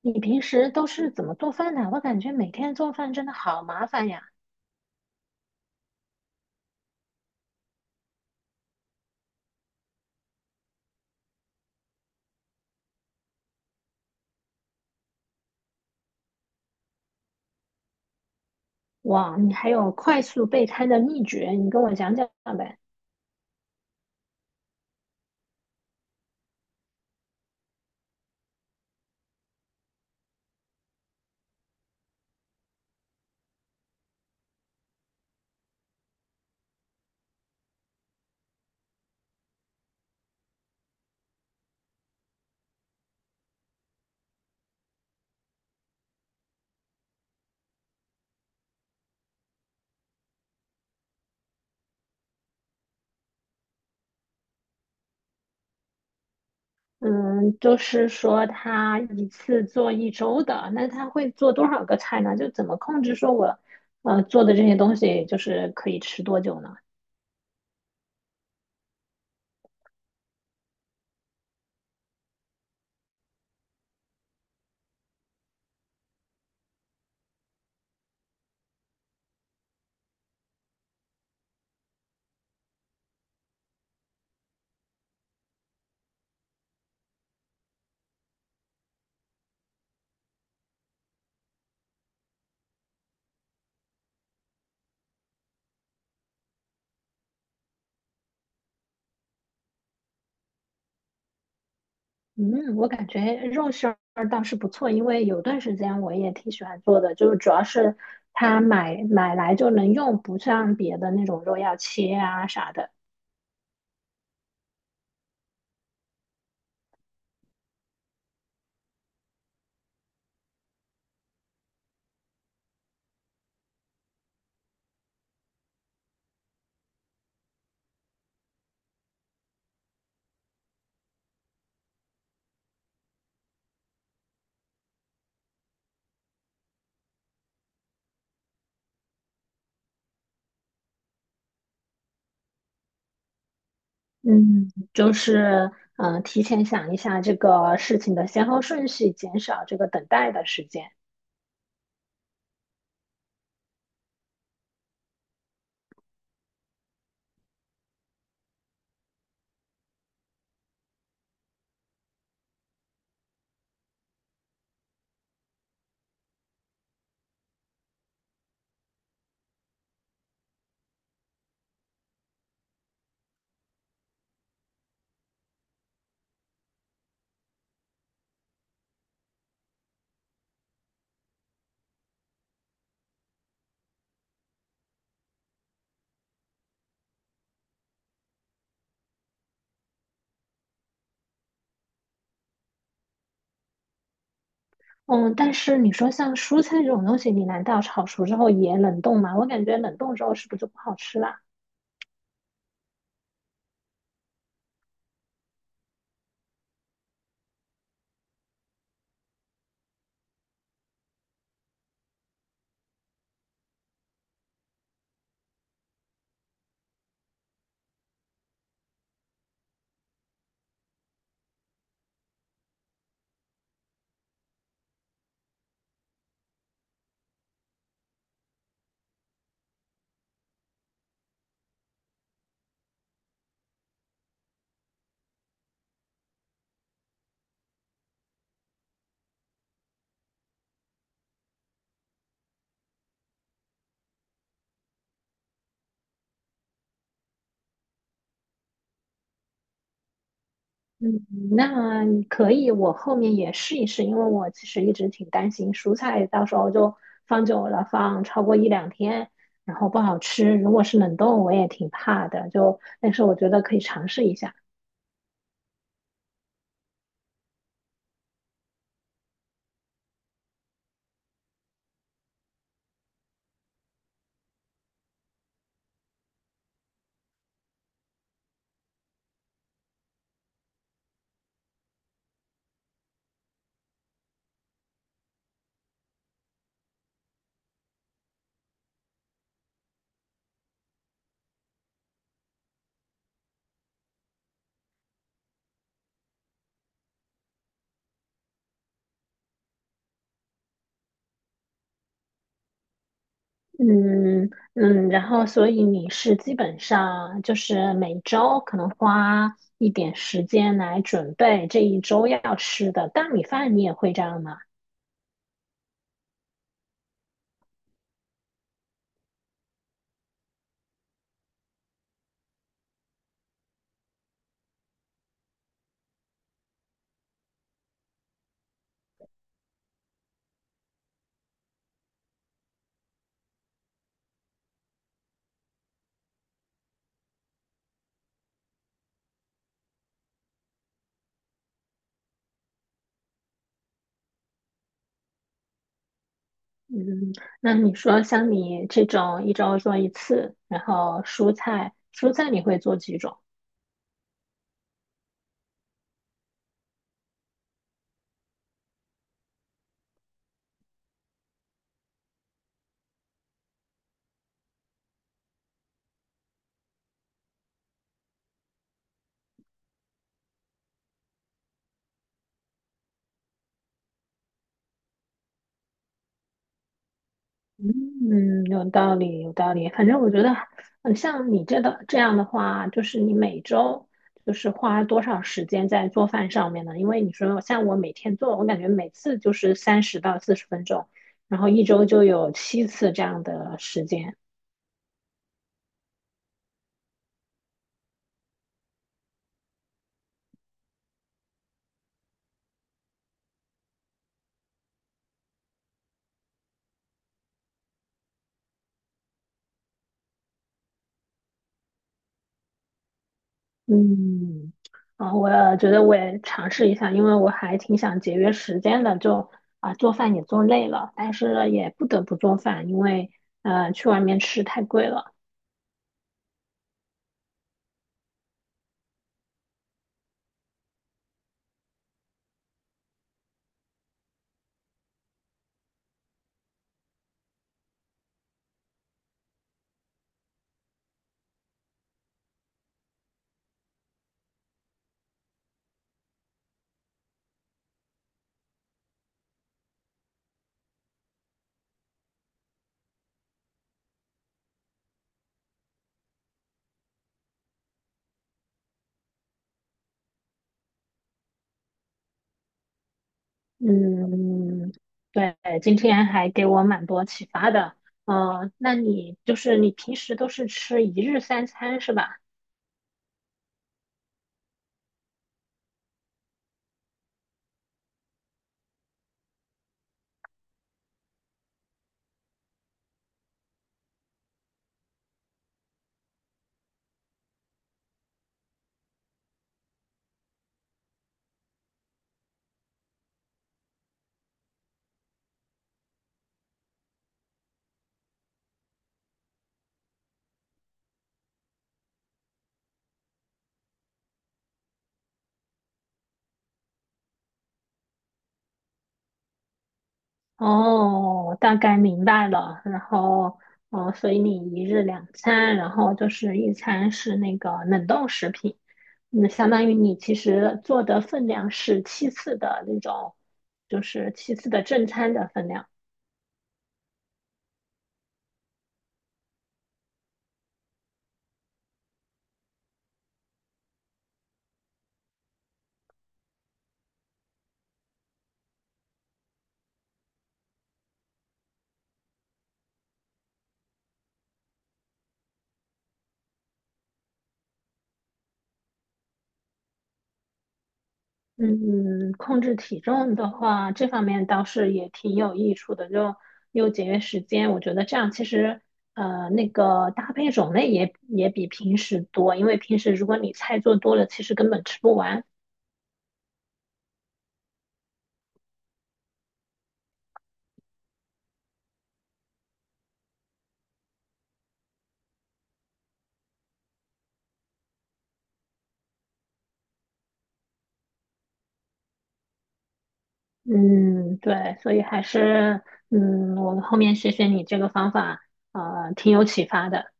你平时都是怎么做饭的？我感觉每天做饭真的好麻烦呀。哇，你还有快速备餐的秘诀，你跟我讲讲呗。嗯，就是说他一次做一周的，那他会做多少个菜呢？就怎么控制说我，呃，做的这些东西就是可以吃多久呢？嗯，我感觉肉馅儿倒是不错，因为有段时间我也挺喜欢做的，就是主要是它买来就能用，不像别的那种肉要切啊啥的。嗯，就是提前想一下这个事情的先后顺序，减少这个等待的时间。嗯，但是你说像蔬菜这种东西，你难道炒熟之后也冷冻吗？我感觉冷冻之后是不是就不好吃啦？嗯，那可以，我后面也试一试，因为我其实一直挺担心蔬菜到时候就放久了，放超过一两天，然后不好吃。如果是冷冻，我也挺怕的，就但是我觉得可以尝试一下。嗯嗯，然后所以你是基本上就是每周可能花一点时间来准备这一周要吃的大米饭，你也会这样吗？嗯，那你说像你这种一周做一次，然后蔬菜你会做几种？嗯，有道理，有道理。反正我觉得，嗯，像你这的这样的话，就是你每周就是花多少时间在做饭上面呢？因为你说像我每天做，我感觉每次就是30到40分钟，然后一周就有七次这样的时间。嗯，啊，我觉得我也尝试一下，因为我还挺想节约时间的，就做饭也做累了，但是也不得不做饭，因为去外面吃太贵了。嗯，对，今天还给我蛮多启发的。那你就是你平时都是吃一日三餐是吧？哦，大概明白了。然后，哦，所以你一日两餐，然后就是一餐是那个冷冻食品，那相当于你其实做的分量是七次的那种，就是七次的正餐的分量。嗯，控制体重的话，这方面倒是也挺有益处的，就又节约时间。我觉得这样其实，呃，那个搭配种类也比平时多，因为平时如果你菜做多了，其实根本吃不完。嗯，对，所以还是，嗯，我后面学学你这个方法，呃，挺有启发的。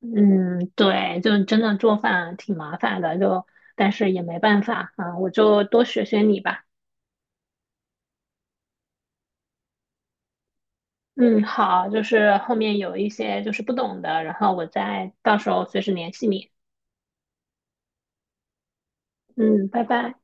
嗯，对，就真的做饭挺麻烦的，就但是也没办法啊，我就多学学你吧。嗯，好，就是后面有一些就是不懂的，然后我再到时候随时联系你。嗯，拜拜。